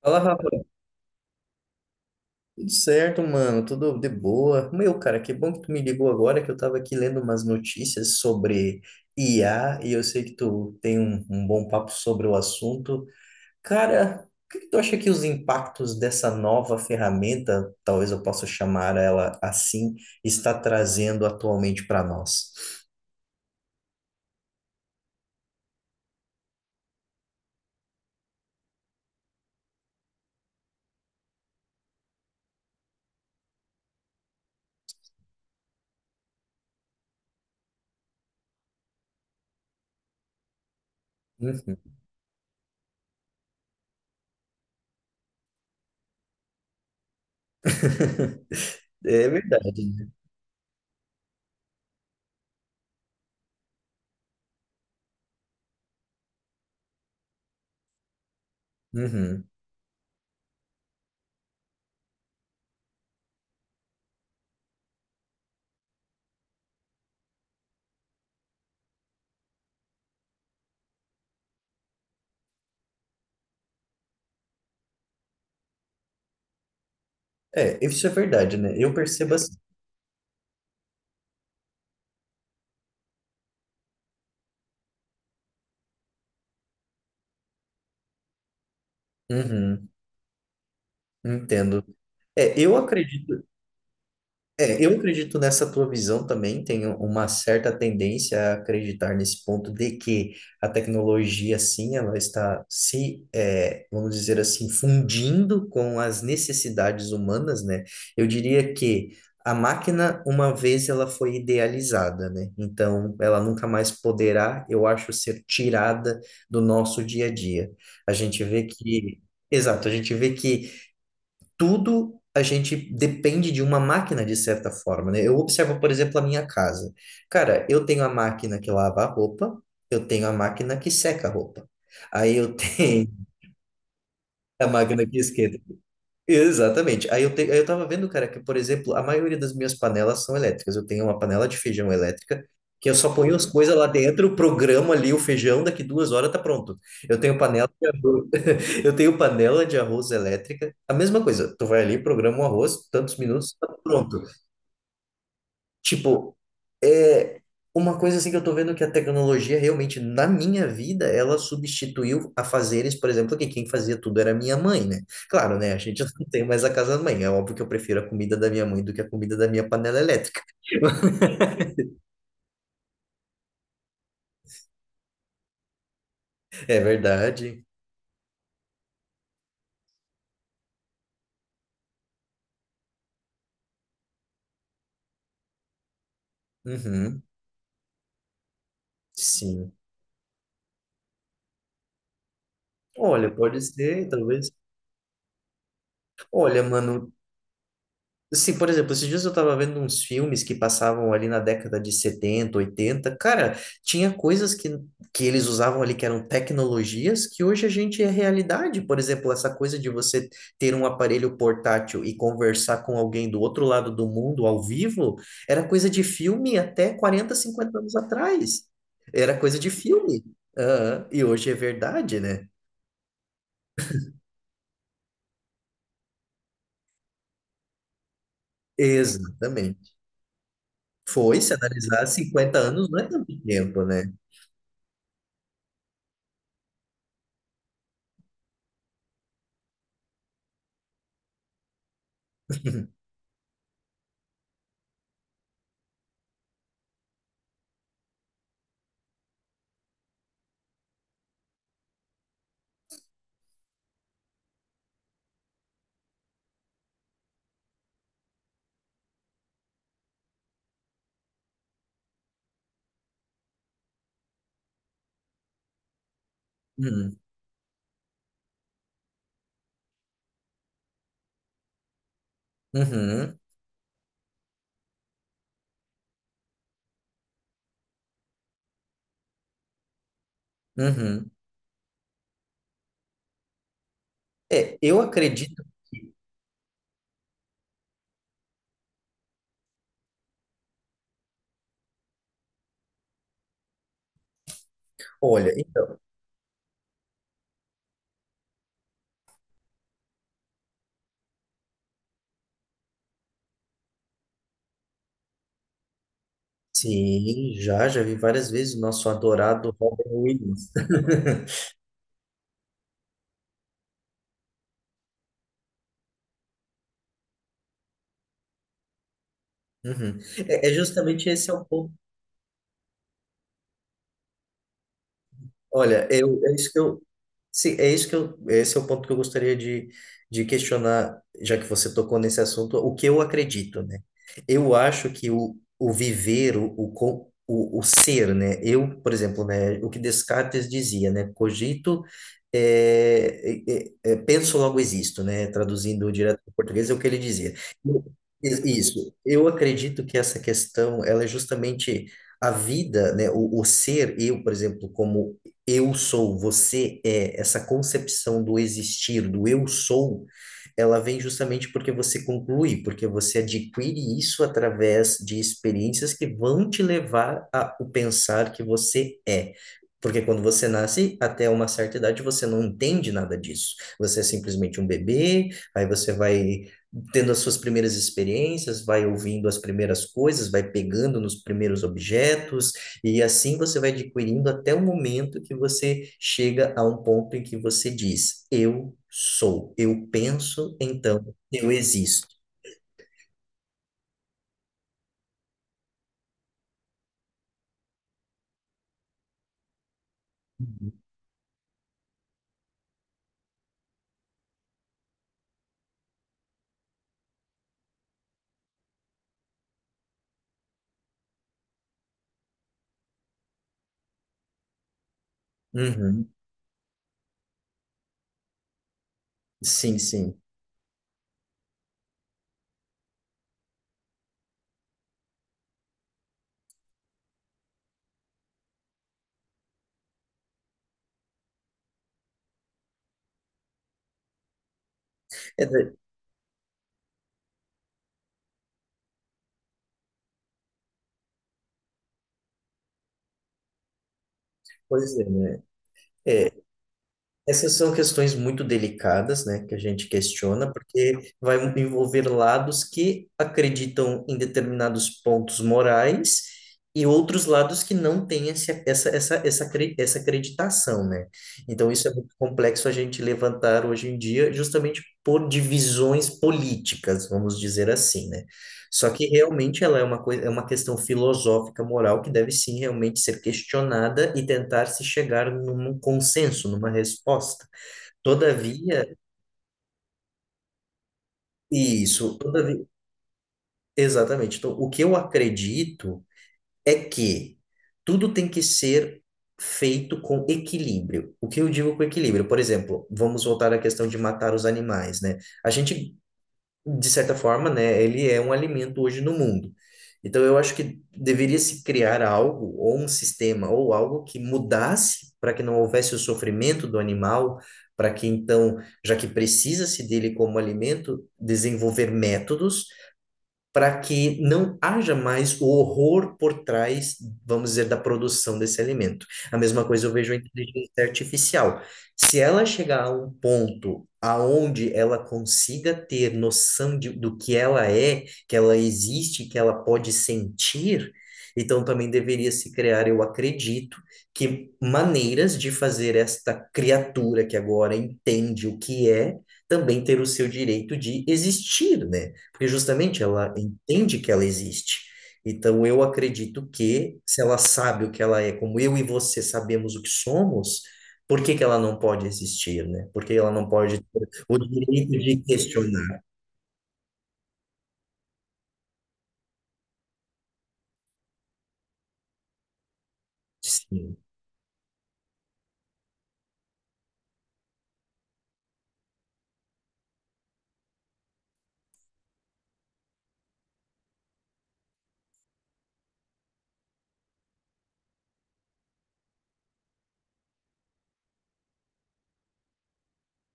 Fala, Rafa. Tudo certo, mano? Tudo de boa? Meu, cara, que bom que tu me ligou agora, que eu tava aqui lendo umas notícias sobre IA e eu sei que tu tem um bom papo sobre o assunto. Cara, o que que tu acha que os impactos dessa nova ferramenta, talvez eu possa chamar ela assim, está trazendo atualmente para nós? Uhum. É verdade, né? Uhum. É, isso é verdade, né? Eu percebo assim. Uhum, entendo. É, eu acredito. É, eu acredito nessa tua visão também, tenho uma certa tendência a acreditar nesse ponto de que a tecnologia, sim, ela está se, vamos dizer assim, fundindo com as necessidades humanas, né? Eu diria que a máquina, uma vez ela foi idealizada, né? Então, ela nunca mais poderá, eu acho, ser tirada do nosso dia a dia. A gente vê que, Exato, a gente vê que tudo a gente depende de uma máquina, de certa forma, né? Eu observo, por exemplo, a minha casa. Cara, eu tenho a máquina que lava a roupa, eu tenho a máquina que seca a roupa. Aí eu tenho a máquina que esquenta. Exatamente. Aí eu tava vendo, cara, que, por exemplo, a maioria das minhas panelas são elétricas. Eu tenho uma panela de feijão elétrica, que eu só ponho as coisas lá dentro, programo ali o feijão, daqui 2 horas tá pronto. Eu tenho panela de arroz, eu tenho panela de arroz elétrica. A mesma coisa, tu vai ali, programa o arroz, tantos minutos, tá pronto. Tipo, é uma coisa assim que eu tô vendo que a tecnologia realmente, na minha vida, ela substituiu a fazeres por exemplo, que quem fazia tudo era minha mãe, né? Claro, né? A gente não tem mais a casa da mãe. É óbvio que eu prefiro a comida da minha mãe do que a comida da minha panela elétrica. É verdade. Uhum, sim. Olha, pode ser, talvez. Olha, mano, sim, por exemplo, esses dias eu tava vendo uns filmes que passavam ali na década de 70 oitenta. Cara, tinha coisas que eles usavam ali que eram tecnologias que hoje a gente é realidade. Por exemplo, essa coisa de você ter um aparelho portátil e conversar com alguém do outro lado do mundo ao vivo era coisa de filme até 40, 50 anos atrás. Era coisa de filme. Aham. E hoje é verdade, né? Exatamente. Foi, se analisar 50 anos, não é tanto tempo, né? Uhum, uhum. É, eu acredito. Olha, então, sim, já vi várias vezes o nosso adorado Robin Williams. Uhum. É justamente esse é o ponto. Olha, eu, é isso que eu, Sim, esse é o ponto que eu gostaria de questionar, já que você tocou nesse assunto, o que eu acredito, né? Eu acho que o viver, o ser, né? Eu, por exemplo, né, o que Descartes dizia, né? Cogito, é, é, penso, logo existo, né? Traduzindo direto para o português, é o que ele dizia. Eu- Isso, eu acredito que essa questão, ela é justamente a vida, né? O ser, eu, por exemplo, como eu sou, você é, essa concepção do existir, do eu sou, ela vem justamente porque você conclui, porque você adquire isso através de experiências que vão te levar a o pensar que você é. Porque quando você nasce, até uma certa idade, você não entende nada disso. Você é simplesmente um bebê, aí você vai tendo as suas primeiras experiências, vai ouvindo as primeiras coisas, vai pegando nos primeiros objetos, e assim você vai adquirindo até o momento que você chega a um ponto em que você diz: eu sou, eu penso, então eu existo. Uhum. Sim, sim. É, pois é, né? É, Essas são questões muito delicadas, né, que a gente questiona, porque vai envolver lados que acreditam em determinados pontos morais e outros lados que não têm esse, essa, acre- essa acreditação, né? Então, isso é muito complexo a gente levantar hoje em dia, justamente por divisões políticas, vamos dizer assim, né? Só que realmente ela é uma coisa, é uma questão filosófica, moral, que deve sim realmente ser questionada e tentar se chegar num consenso, numa resposta. Todavia, isso, todavia, exatamente. Então, o que eu acredito é que tudo tem que ser feito com equilíbrio. O que eu digo com equilíbrio? Por exemplo, vamos voltar à questão de matar os animais, né? A gente de certa forma, né, ele é um alimento hoje no mundo. Então, eu acho que deveria se criar algo, ou um sistema, ou algo que mudasse para que não houvesse o sofrimento do animal, para que então, já que precisa-se dele como alimento, desenvolver métodos para que não haja mais o horror por trás, vamos dizer, da produção desse alimento. A mesma coisa eu vejo a inteligência artificial. Se ela chegar a um ponto aonde ela consiga ter noção de, do que ela é, que ela existe, que ela pode sentir, então também deveria se criar, eu acredito, que maneiras de fazer esta criatura que agora entende o que é, também ter o seu direito de existir, né? Porque justamente ela entende que ela existe. Então eu acredito que se ela sabe o que ela é, como eu e você sabemos o que somos, por que que ela não pode existir, né? Por que ela não pode ter o direito de questionar? Sim.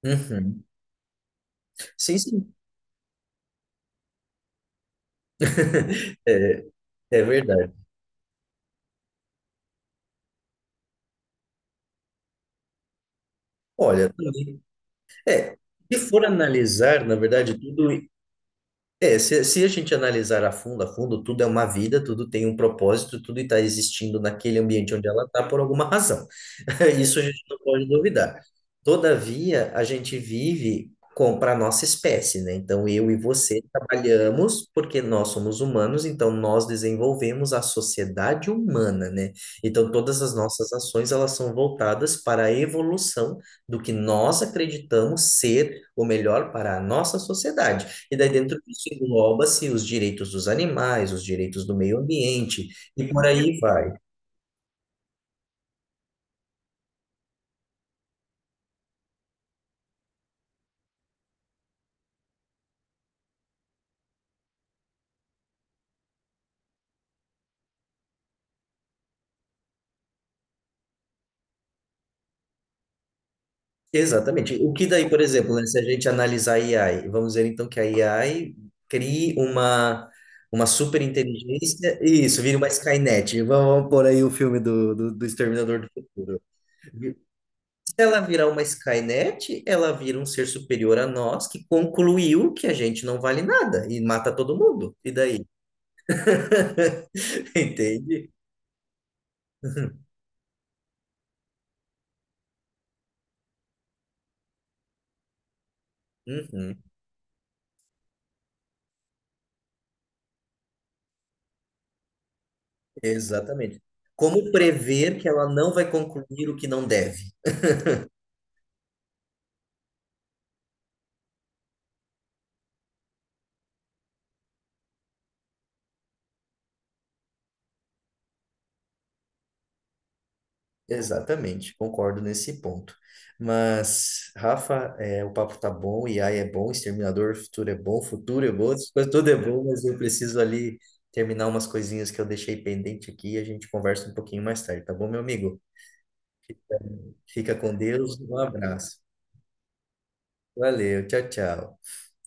Uhum. Sim, sim. É, é verdade. Olha, também, é, se for analisar, na verdade, tudo é, se a gente analisar a fundo, tudo é uma vida, tudo tem um propósito, tudo está existindo naquele ambiente onde ela está por alguma razão. Isso a gente não pode duvidar. Todavia, a gente vive com para a nossa espécie, né? Então, eu e você trabalhamos porque nós somos humanos, então nós desenvolvemos a sociedade humana, né? Então, todas as nossas ações, elas são voltadas para a evolução do que nós acreditamos ser o melhor para a nossa sociedade. E daí dentro disso engloba-se os direitos dos animais, os direitos do meio ambiente, e por aí vai. Exatamente. O que daí, por exemplo, né, se a gente analisar a AI, vamos dizer então que a AI crie uma super inteligência, isso, vira uma Skynet. Vamos pôr aí o filme do Exterminador do Futuro. Se ela virar uma Skynet, ela vira um ser superior a nós que concluiu que a gente não vale nada e mata todo mundo. E daí? Entende? Uhum, exatamente. Como prever que ela não vai concluir o que não deve? Exatamente, concordo nesse ponto. Mas, Rafa, o papo tá bom, AI é bom, Exterminador Futuro é bom, essas coisas tudo é bom, mas eu preciso ali terminar umas coisinhas que eu deixei pendente aqui e a gente conversa um pouquinho mais tarde, tá bom, meu amigo? Fica com Deus, um abraço. Valeu, tchau, tchau.